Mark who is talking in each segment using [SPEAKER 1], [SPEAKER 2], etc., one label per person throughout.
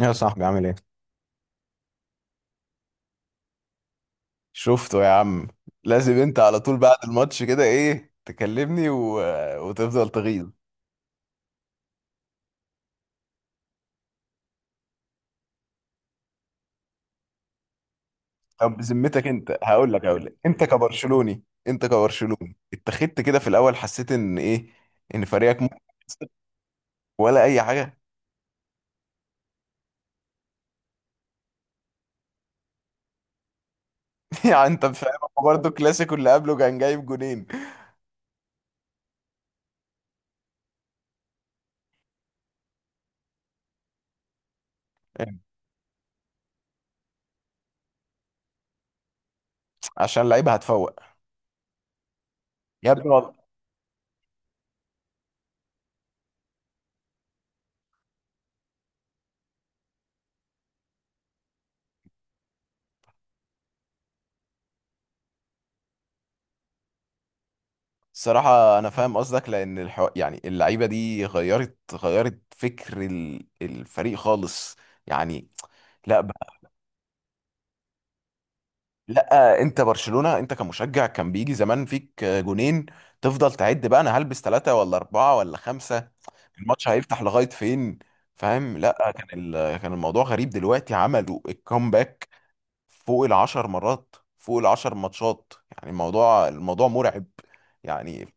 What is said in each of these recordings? [SPEAKER 1] يا صاحبي عامل ايه؟ شفته يا عم. لازم انت على طول بعد الماتش كده ايه تكلمني وتفضل تغيظ. طب بذمتك انت، هقول لك، انت كبرشلوني، اتخذت كده في الاول، حسيت ان ايه، ان فريقك ممكن يكسب ولا اي حاجه. يعني انت فاهم، هو برضه الكلاسيكو اللي قبله كان جايب جونين. عشان اللعيبه هتفوق. يا ابني والله. الصراحه انا فاهم قصدك، لان الحو... يعني اللعيبه دي غيرت فكر الفريق خالص. يعني، لا، لا انت برشلونة، انت كمشجع كان بيجي زمان فيك جونين، تفضل تعد بقى، انا هلبس ثلاثة ولا أربعة ولا خمسة، الماتش هيفتح لغاية فين؟ فاهم. لا، كان كان الموضوع غريب، دلوقتي عملوا الكومباك فوق العشر مرات، فوق العشر ماتشات. يعني الموضوع مرعب يعني.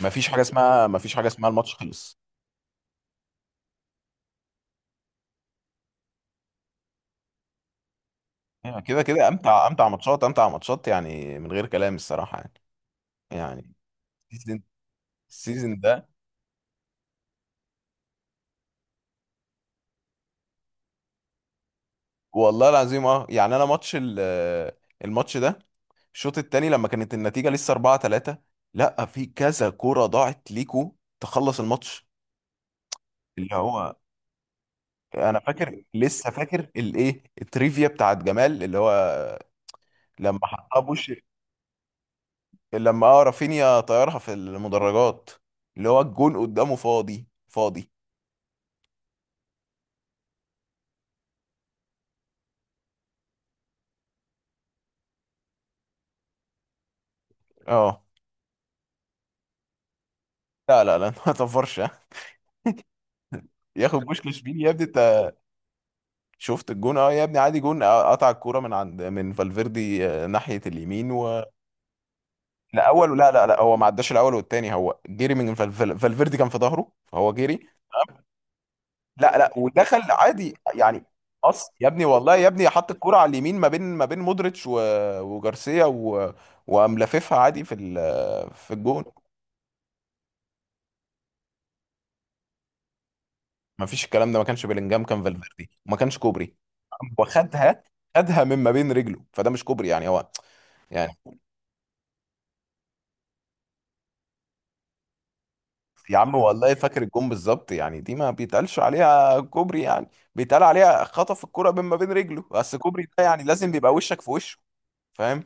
[SPEAKER 1] ما فيش حاجة اسمها، ما فيش حاجة اسمها الماتش خلص. يعني كده كده، امتع امتع ماتشات، امتع ماتشات، يعني من غير كلام الصراحة يعني. يعني السيزون السيزون ده. والله العظيم، يعني انا ماتش ال- آه، الماتش ده، الشوط التاني لما كانت النتيجة لسه 4-3، لا في كذا كورة ضاعت ليكو تخلص الماتش، اللي هو انا فاكر، لسه فاكر الايه، التريفيا بتاعت جمال، اللي هو لما حطها بوش، لما رافينيا طيرها في المدرجات، اللي هو الجون قدامه فاضي فاضي. اه، لا لا لا. ما تفرش ها. ياخد بوشكاش مين يا ابني؟ شفت الجون، يا ابني، عادي جون، قطع الكوره من عند فالفيردي، ناحيه اليمين و... لا اول، لا لا لا، هو ما عداش الاول والتاني، هو جري من فالفيردي، كان في ظهره فهو جري. لا لا، ودخل عادي يعني. اص يا ابني والله، يا ابني حط الكوره على اليمين ما بين مودريتش و... وجارسيا و... وقام لاففها عادي في في الجون. ما فيش الكلام ده، ما كانش بيلينجهام، كان فالفيردي، وما كانش كوبري، وخدها، خدها من ما بين رجله، فده مش كوبري يعني هو. يا عم والله فاكر الجون بالظبط، يعني دي ما بيتقالش عليها كوبري يعني، بيتقال عليها خطف الكرة بين ما بين رجله، بس كوبري ده يعني لازم بيبقى وشك في وشه. فاهم.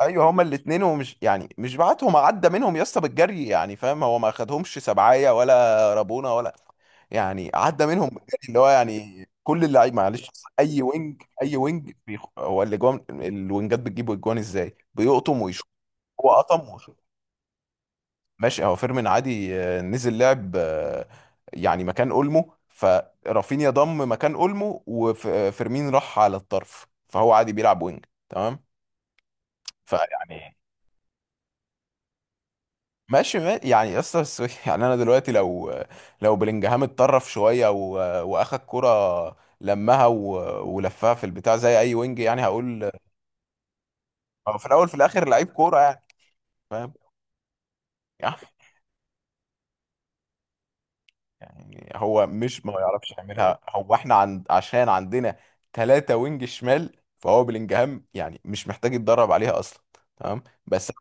[SPEAKER 1] ايوه هما الاثنين، ومش يعني مش بعتهم، عدى منهم يا اسطى بالجري يعني، فاهم، هو ما خدهمش سبعايه ولا رابونه ولا، يعني عدى منهم بالجري، اللي هو يعني كل اللعيب معلش. اي وينج، اي وينج، هو الاجوان الوينجات بتجيب اجوان ازاي؟ بيقطم ويشوط. هو قطم. ماشي، هو فيرمين عادي، نزل لعب، يعني مكان اولمو، فرافينيا ضم مكان اولمو، وفيرمين راح على الطرف، فهو عادي بيلعب وينج تمام. فيعني ماشي، يعني اصلا، يعني انا دلوقتي لو، لو بلينجهام اتطرف شويه واخد كرة لمها ولفها في البتاع زي اي وينج، يعني هقول، هو في الاول في الاخر لعيب كوره يعني. فاهم. يعني هو مش ما يعرفش يعملها، هو احنا عند، عشان عندنا ثلاثة وينج شمال، فهو بلينجهام يعني مش محتاج يتدرب عليها اصلا، تمام بس.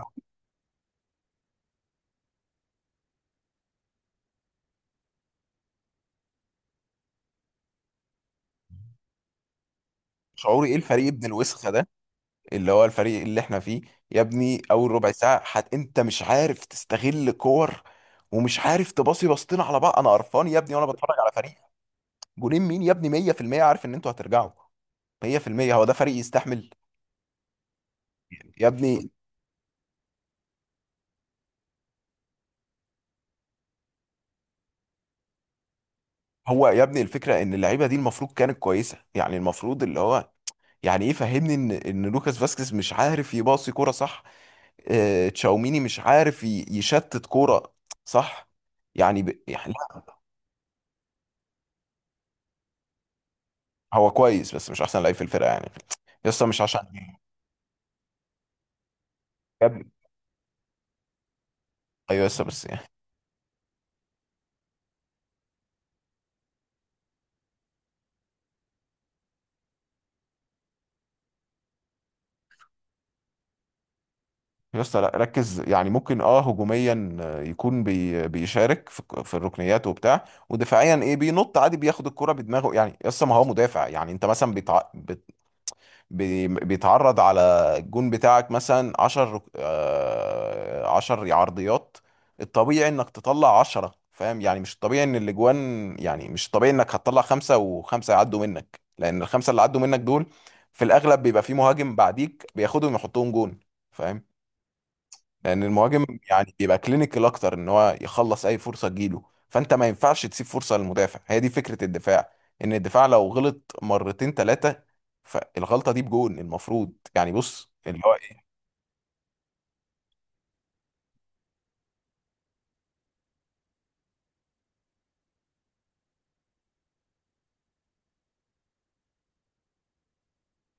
[SPEAKER 1] شعوري ايه، الفريق ابن الوسخة ده، اللي هو الفريق اللي احنا فيه، يا ابني اول ربع ساعة حت انت مش عارف تستغل كور، ومش عارف تباصي باصتين على بعض، انا قرفان يا ابني وانا بتفرج على فريق. جولين مين يا ابني؟ 100% عارف ان انتوا هترجعوا، 100% هو ده فريق يستحمل، يا ابني. هو يا ابني الفكرة ان اللعيبة دي المفروض كانت كويسة يعني، المفروض اللي هو، يعني ايه فهمني، ان لوكاس فاسكيز مش عارف يباصي كوره، صح؟ تشاوميني مش عارف يشتت كوره، صح؟ يعني لا، هو كويس بس مش احسن لعيب في الفرقه يعني، يا اسطى مش عشان، يا ابني. ايوه يا اسطى بس يعني. يا اسطى لا ركز، يعني ممكن اه هجوميا، يكون بيشارك في الركنيات وبتاع، ودفاعيا ايه، بينط عادي، بياخد الكوره بدماغه، يعني يا اسطى ما هو مدافع. يعني انت مثلا بيتعرض على الجون بتاعك مثلا 10، 10 عرضيات، الطبيعي انك تطلع 10، فاهم يعني، مش الطبيعي ان الاجوان، يعني مش الطبيعي انك هتطلع خمسة وخمسة يعدوا منك، لان الخمسة اللي عدوا منك دول في الاغلب بيبقى في مهاجم بعديك بياخدهم يحطهم جون. فاهم. لان المهاجم يعني بيبقى كلينيكال اكتر، ان هو يخلص اي فرصه تجيله، فانت ما ينفعش تسيب فرصه للمدافع، هي دي فكره الدفاع، ان الدفاع لو غلط مرتين ثلاثه، فالغلطه دي بجون المفروض، يعني بص اللي هو ايه.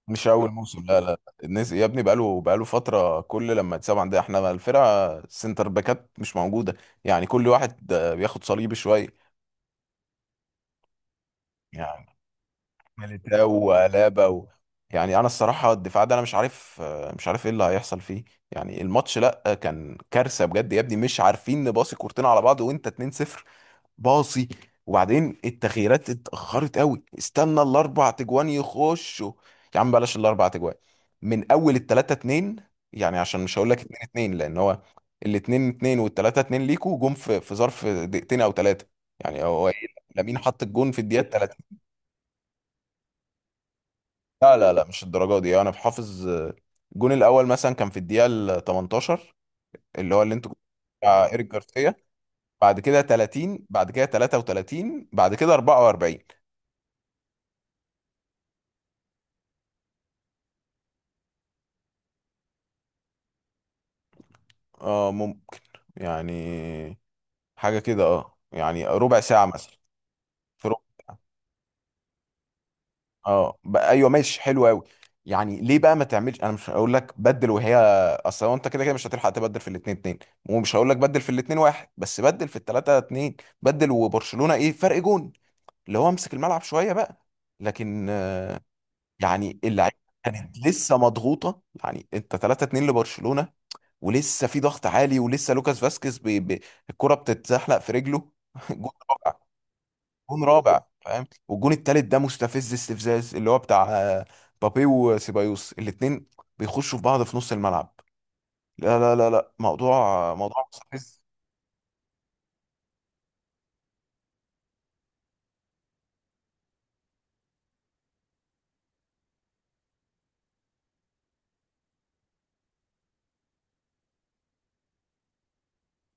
[SPEAKER 1] مش اول موسم، لا لا الناس يا ابني بقاله فتره، كل لما تسمع عندنا احنا الفرقه، سنتر باكات مش موجوده، يعني كل واحد بياخد صليبي شويه يعني. ده ولا بو. يعني انا الصراحه الدفاع ده انا مش عارف، مش عارف ايه اللي هيحصل فيه. يعني الماتش لا كان كارثه بجد يا ابني، مش عارفين نباصي كورتين على بعض وانت 2-0، باصي. وبعدين التغييرات اتاخرت قوي، استنى الاربع تجوان يخشوا. يا عم بلاش الاربع تجوان، من اول التلاتة اتنين يعني، عشان مش هقول لك اتنين اتنين، لان هو الاتنين اتنين والتلاتة اتنين ليكوا جم في ظرف دقيقتين او ثلاثه. يعني هو إيه، لامين حط الجون في الدقيقه. لا لا لا، مش الدرجه دي، انا بحافظ، الجون الاول مثلا كان في الدقيقه ال 18، اللي هو اللي انتوا بتاع ايريك جارسيا، بعد كده 30، بعد كده 33، بعد كده 44. اه ممكن، يعني حاجه كده، اه يعني ربع ساعه مثلا، في ربع. اه، ايوه ماشي، حلو قوي. يعني ليه بقى ما تعملش، انا مش هقول لك بدل وهي، اصل هو انت كده كده مش هتلحق تبدل في الاثنين اتنين، ومش هقول لك بدل في الاثنين واحد، بس بدل في الثلاثه اتنين، بدل، وبرشلونه ايه، فرق جون، اللي هو امسك الملعب شويه بقى. لكن يعني اللعيبه كانت لسه مضغوطه، يعني انت 3-2 لبرشلونه ولسه في ضغط عالي، ولسه لوكاس فاسكيز بي الكره بتتزحلق في رجله. جون رابع، جون رابع، فاهم؟ والجون التالت ده مستفز، استفزاز، اللي هو بتاع بابي وسيبايوس، الاتنين بيخشوا في بعض في نص الملعب، لا لا لا لا، موضوع موضوع مستفز.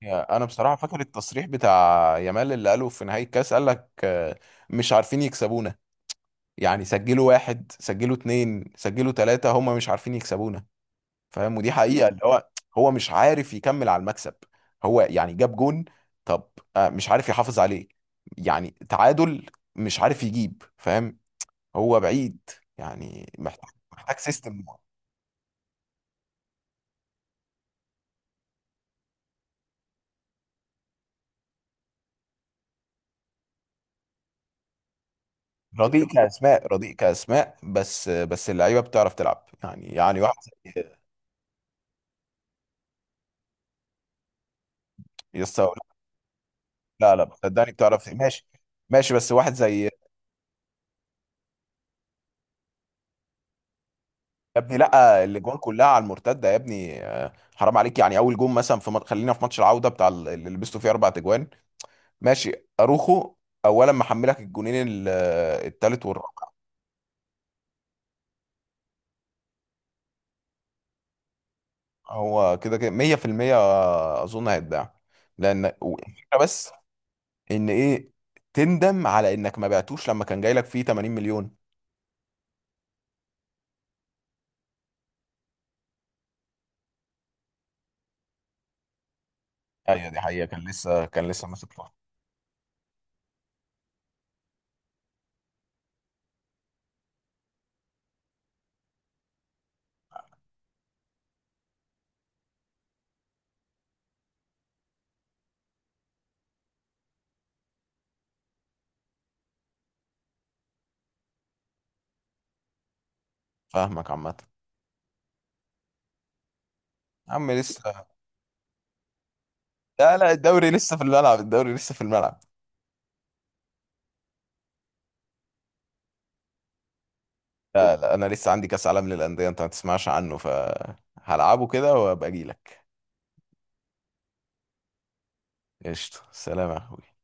[SPEAKER 1] انا بصراحه فاكر التصريح بتاع يامال اللي قاله في نهايه الكاس، قال لك مش عارفين يكسبونا، يعني سجلوا واحد، سجلوا اتنين، سجلوا تلاتة، هم مش عارفين يكسبونا، فاهم، ودي حقيقة، اللي هو هو مش عارف يكمل على المكسب، هو يعني جاب جون، طب، مش عارف يحافظ عليه، يعني تعادل، مش عارف يجيب، فاهم، هو بعيد، يعني محتاج سيستم. رديء كأسماء، رديء كأسماء، بس اللعيبة بتعرف تلعب يعني واحد زي، يستوعب. لا لا صدقني بتعرف ماشي، ماشي بس واحد زي، يا ابني، لا الاجوان كلها على المرتده يا ابني، حرام عليك، يعني اول جون مثلا في خلينا في ماتش العوده بتاع اللي لبسته فيه اربع اجوان، ماشي، اروخو اولا محملك الجونين التالت والرابع. هو كده كده 100%، اظن هيتباع، لان الفكره بس، ان ايه، تندم على انك ما بعتوش لما كان جاي لك فيه 80 مليون. ايوه دي حقيقه، كان لسه ماسك فيه. فاهمك عامه. يا عم لسه، لا لا، الدوري لسه في الملعب، الدوري لسه في الملعب. لا لا، انا لسه عندي كاس عالم للانديه انت ما تسمعش عنه، فهلعبه كده وابقى اجي لك، قشطه، سلام يا اخوي.